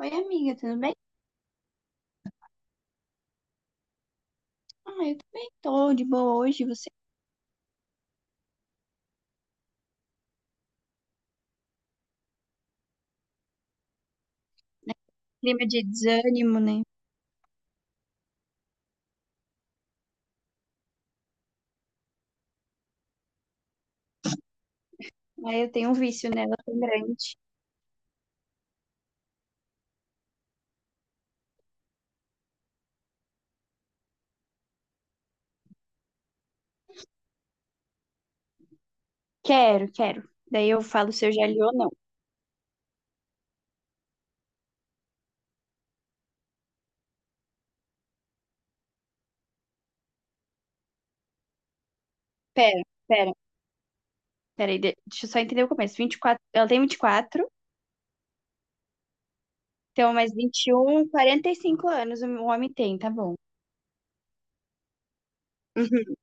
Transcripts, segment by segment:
Oi, amiga, tudo bem? Ah, eu também tô de boa hoje, você, né? Clima de desânimo, né? Aí eu tenho um vício nela tão grande. Quero, quero. Daí eu falo se eu já li ou não. Pera, pera, pera aí, deixa eu só entender o começo. Vinte e quatro Ela tem 24, então mais 21, 45 anos o homem tem, tá bom. Uhum.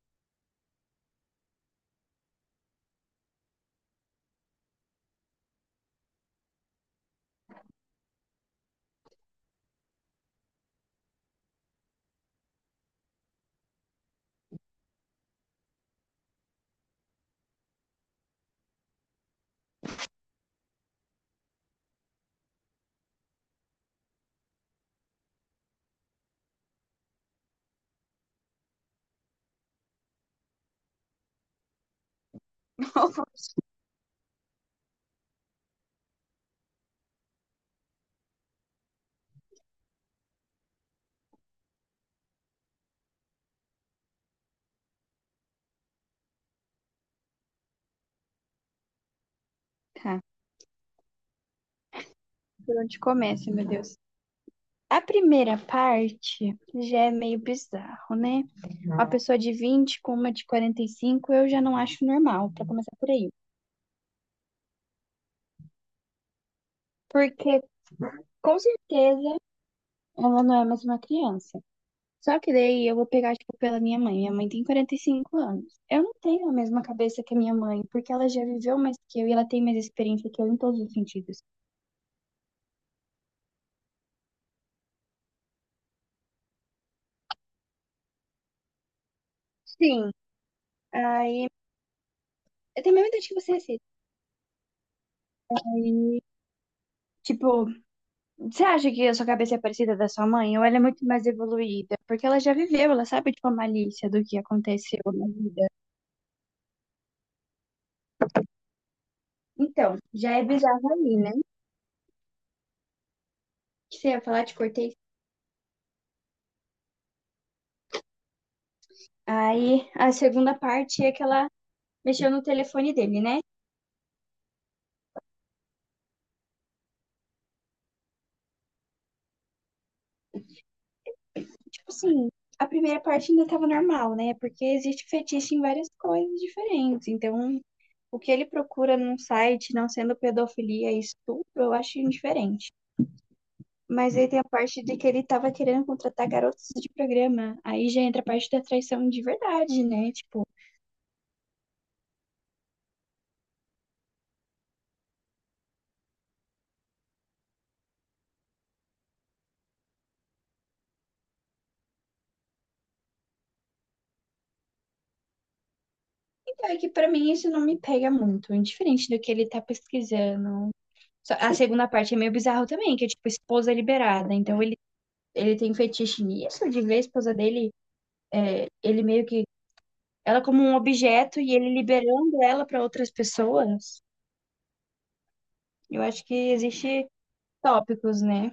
Tá, por onde começa, meu Deus? A primeira parte já é meio bizarro, né? Uma pessoa de 20 com uma de 45 eu já não acho normal, pra começar por aí. Porque com certeza ela não é mais uma criança. Só que daí eu vou pegar, tipo, pela minha mãe. Minha mãe tem 45 anos. Eu não tenho a mesma cabeça que a minha mãe, porque ela já viveu mais que eu e ela tem mais experiência que eu em todos os sentidos. Sim, aí eu tenho a mesma idade que você, Cid. Aí, tipo, você acha que a sua cabeça é parecida da sua mãe? Ou ela é muito mais evoluída? Porque ela já viveu, ela sabe, tipo, a malícia do que aconteceu na vida. Então, já é bizarro ali, né? Que você ia falar? Te cortei. Aí a segunda parte é que ela mexeu no telefone dele, né? Tipo assim, a primeira parte ainda tava normal, né? Porque existe fetiche em várias coisas diferentes. Então, o que ele procura num site, não sendo pedofilia e estupro, eu acho indiferente. Mas aí tem a parte de que ele tava querendo contratar garotos de programa. Aí já entra a parte da traição de verdade, né? Tipo, então é que pra mim isso não me pega muito. É indiferente do que ele tá pesquisando. A segunda parte é meio bizarro também, que é tipo esposa liberada. Então ele tem fetiche nisso, de ver a esposa dele, ele meio que ela como um objeto e ele liberando ela para outras pessoas. Eu acho que existe tópicos, né?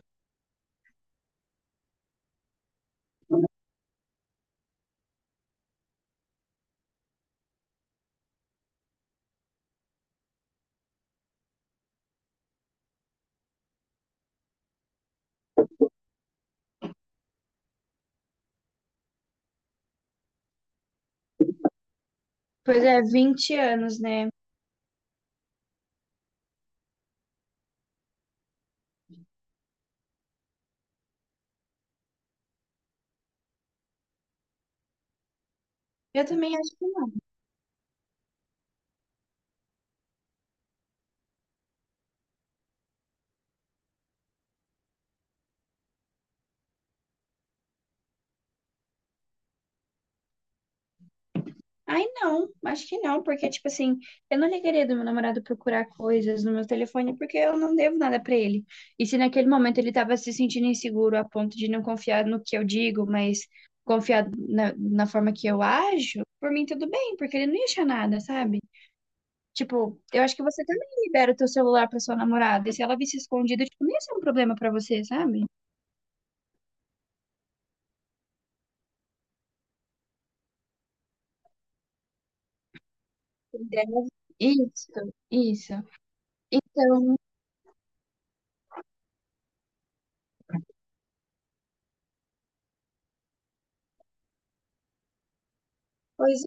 Pois é, 20 anos, né? Eu também acho que não. Ai, não, acho que não, porque, tipo assim, eu não ligaria do meu namorado procurar coisas no meu telefone porque eu não devo nada pra ele. E se naquele momento ele tava se sentindo inseguro a ponto de não confiar no que eu digo, mas confiar na forma que eu ajo, por mim tudo bem, porque ele não ia achar nada, sabe? Tipo, eu acho que você também libera o teu celular pra sua namorada, e se ela visse escondido, tipo, não ia ser um problema pra você, sabe? Deve- Isso, isso. Então, pois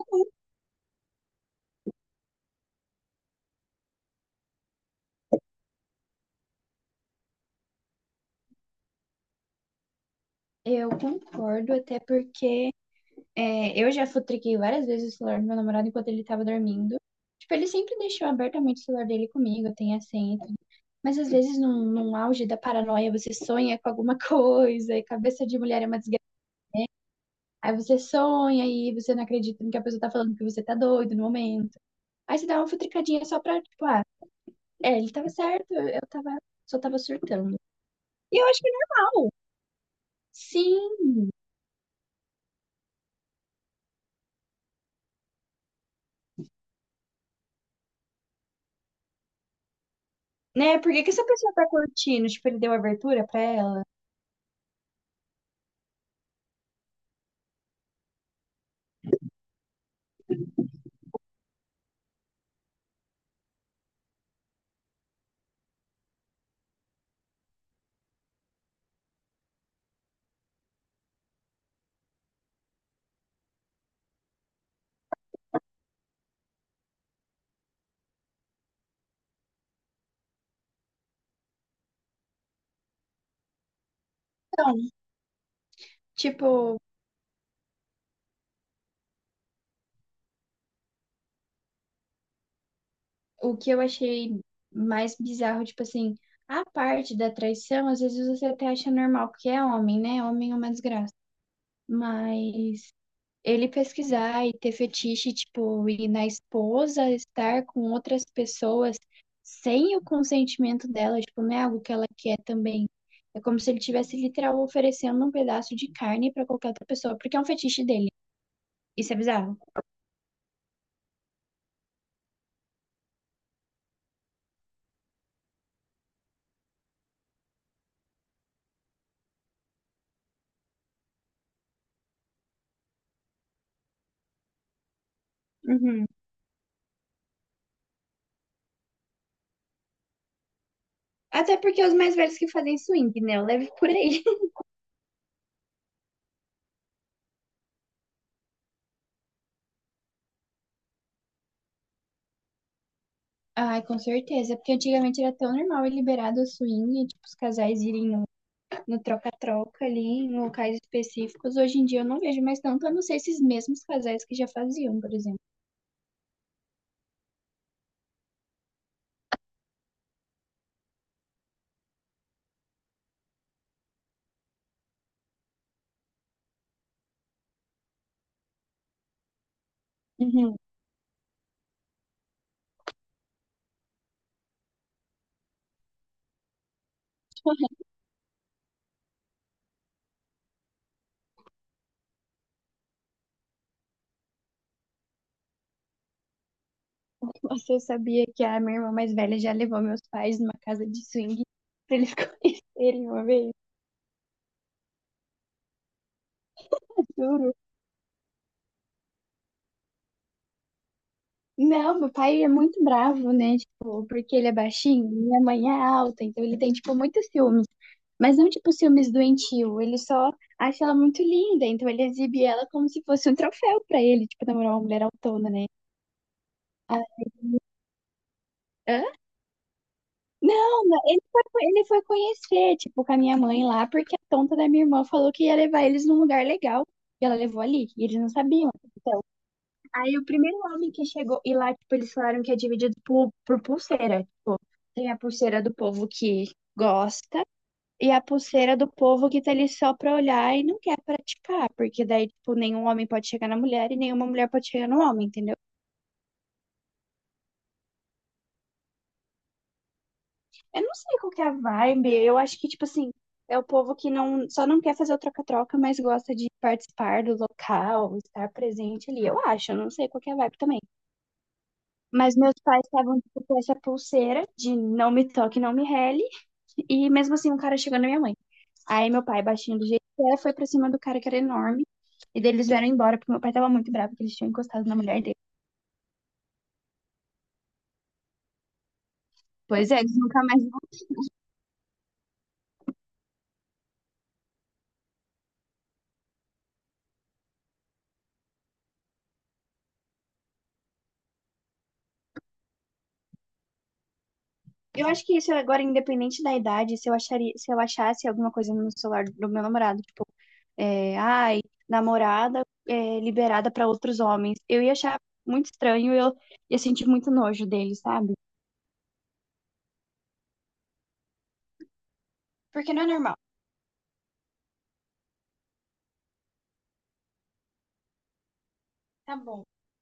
é, eu concordo, até porque é, eu já futriquei várias vezes o celular do meu namorado enquanto ele tava dormindo. Tipo, ele sempre deixou abertamente o celular dele comigo, tem a senha e tudo. Mas às vezes, num auge da paranoia, você sonha com alguma coisa, e cabeça de mulher é uma desgraça. Aí você sonha e você não acredita no que a pessoa tá falando, que você tá doido no momento. Aí você dá uma futricadinha só pra, tipo, ah, é, ele tava certo, eu tava, só tava surtando. E eu acho que é normal. Sim, né? Por que que essa pessoa tá curtindo? Tipo, ele deu abertura pra ela? Então, tipo, o que eu achei mais bizarro, tipo assim, a parte da traição, às vezes você até acha normal, porque é homem, né? Homem é uma desgraça. Mas ele pesquisar e ter fetiche, tipo, e na esposa estar com outras pessoas sem o consentimento dela, tipo, não é algo que ela quer também. É como se ele tivesse literal oferecendo um pedaço de carne pra qualquer outra pessoa, porque é um fetiche dele. Isso é bizarro. Uhum. Até porque os mais velhos que fazem swing, né? Eu levo por aí. Ai, com certeza, é porque antigamente era tão normal e liberado o swing, tipo, os casais irem no troca-troca ali, em locais específicos. Hoje em dia eu não vejo mais tanto, a não ser esses mesmos casais que já faziam, por exemplo. Uhum. Você sabia que a minha irmã mais velha já levou meus pais numa casa de swing pra eles conhecerem uma vez? Juro. Não, meu pai é muito bravo, né? Tipo, porque ele é baixinho, minha mãe é alta, então ele tem, tipo, muitos ciúmes. Mas não, tipo, ciúmes doentio. Ele só acha ela muito linda, então ele exibe ela como se fosse um troféu pra ele, tipo, namorar uma mulher autona, né? Ah, hã? Não, não, ele foi conhecer, tipo, com a minha mãe lá, porque a tonta da minha irmã falou que ia levar eles num lugar legal. E ela levou ali, e eles não sabiam. Então, aí o primeiro homem que chegou, e lá, tipo, eles falaram que é dividido por pulseira. Tem a pulseira do povo que gosta e a pulseira do povo que tá ali só pra olhar e não quer praticar, porque daí, tipo, nenhum homem pode chegar na mulher e nenhuma mulher pode chegar no homem, entendeu? Eu não sei qual que é a vibe, eu acho que, tipo assim, é o povo que não, só não quer fazer o troca-troca, mas gosta de participar do local, estar presente ali, eu acho, eu não sei qual que é a vibe também. Mas meus pais estavam, tipo, com essa pulseira de não me toque, não me rele, e mesmo assim um cara chegou na minha mãe. Aí meu pai, baixinho do jeito que é, foi pra cima do cara que era enorme. E daí eles vieram embora, porque meu pai tava muito bravo que eles tinham encostado na mulher dele. Pois é, eles nunca mais. Eu acho que isso é agora, independente da idade, se eu acharia, se eu achasse alguma coisa no celular do meu namorado, tipo, é, ai, namorada é, liberada pra outros homens, eu ia achar muito estranho, eu ia sentir muito nojo dele, sabe? Porque não é normal. Tá bom.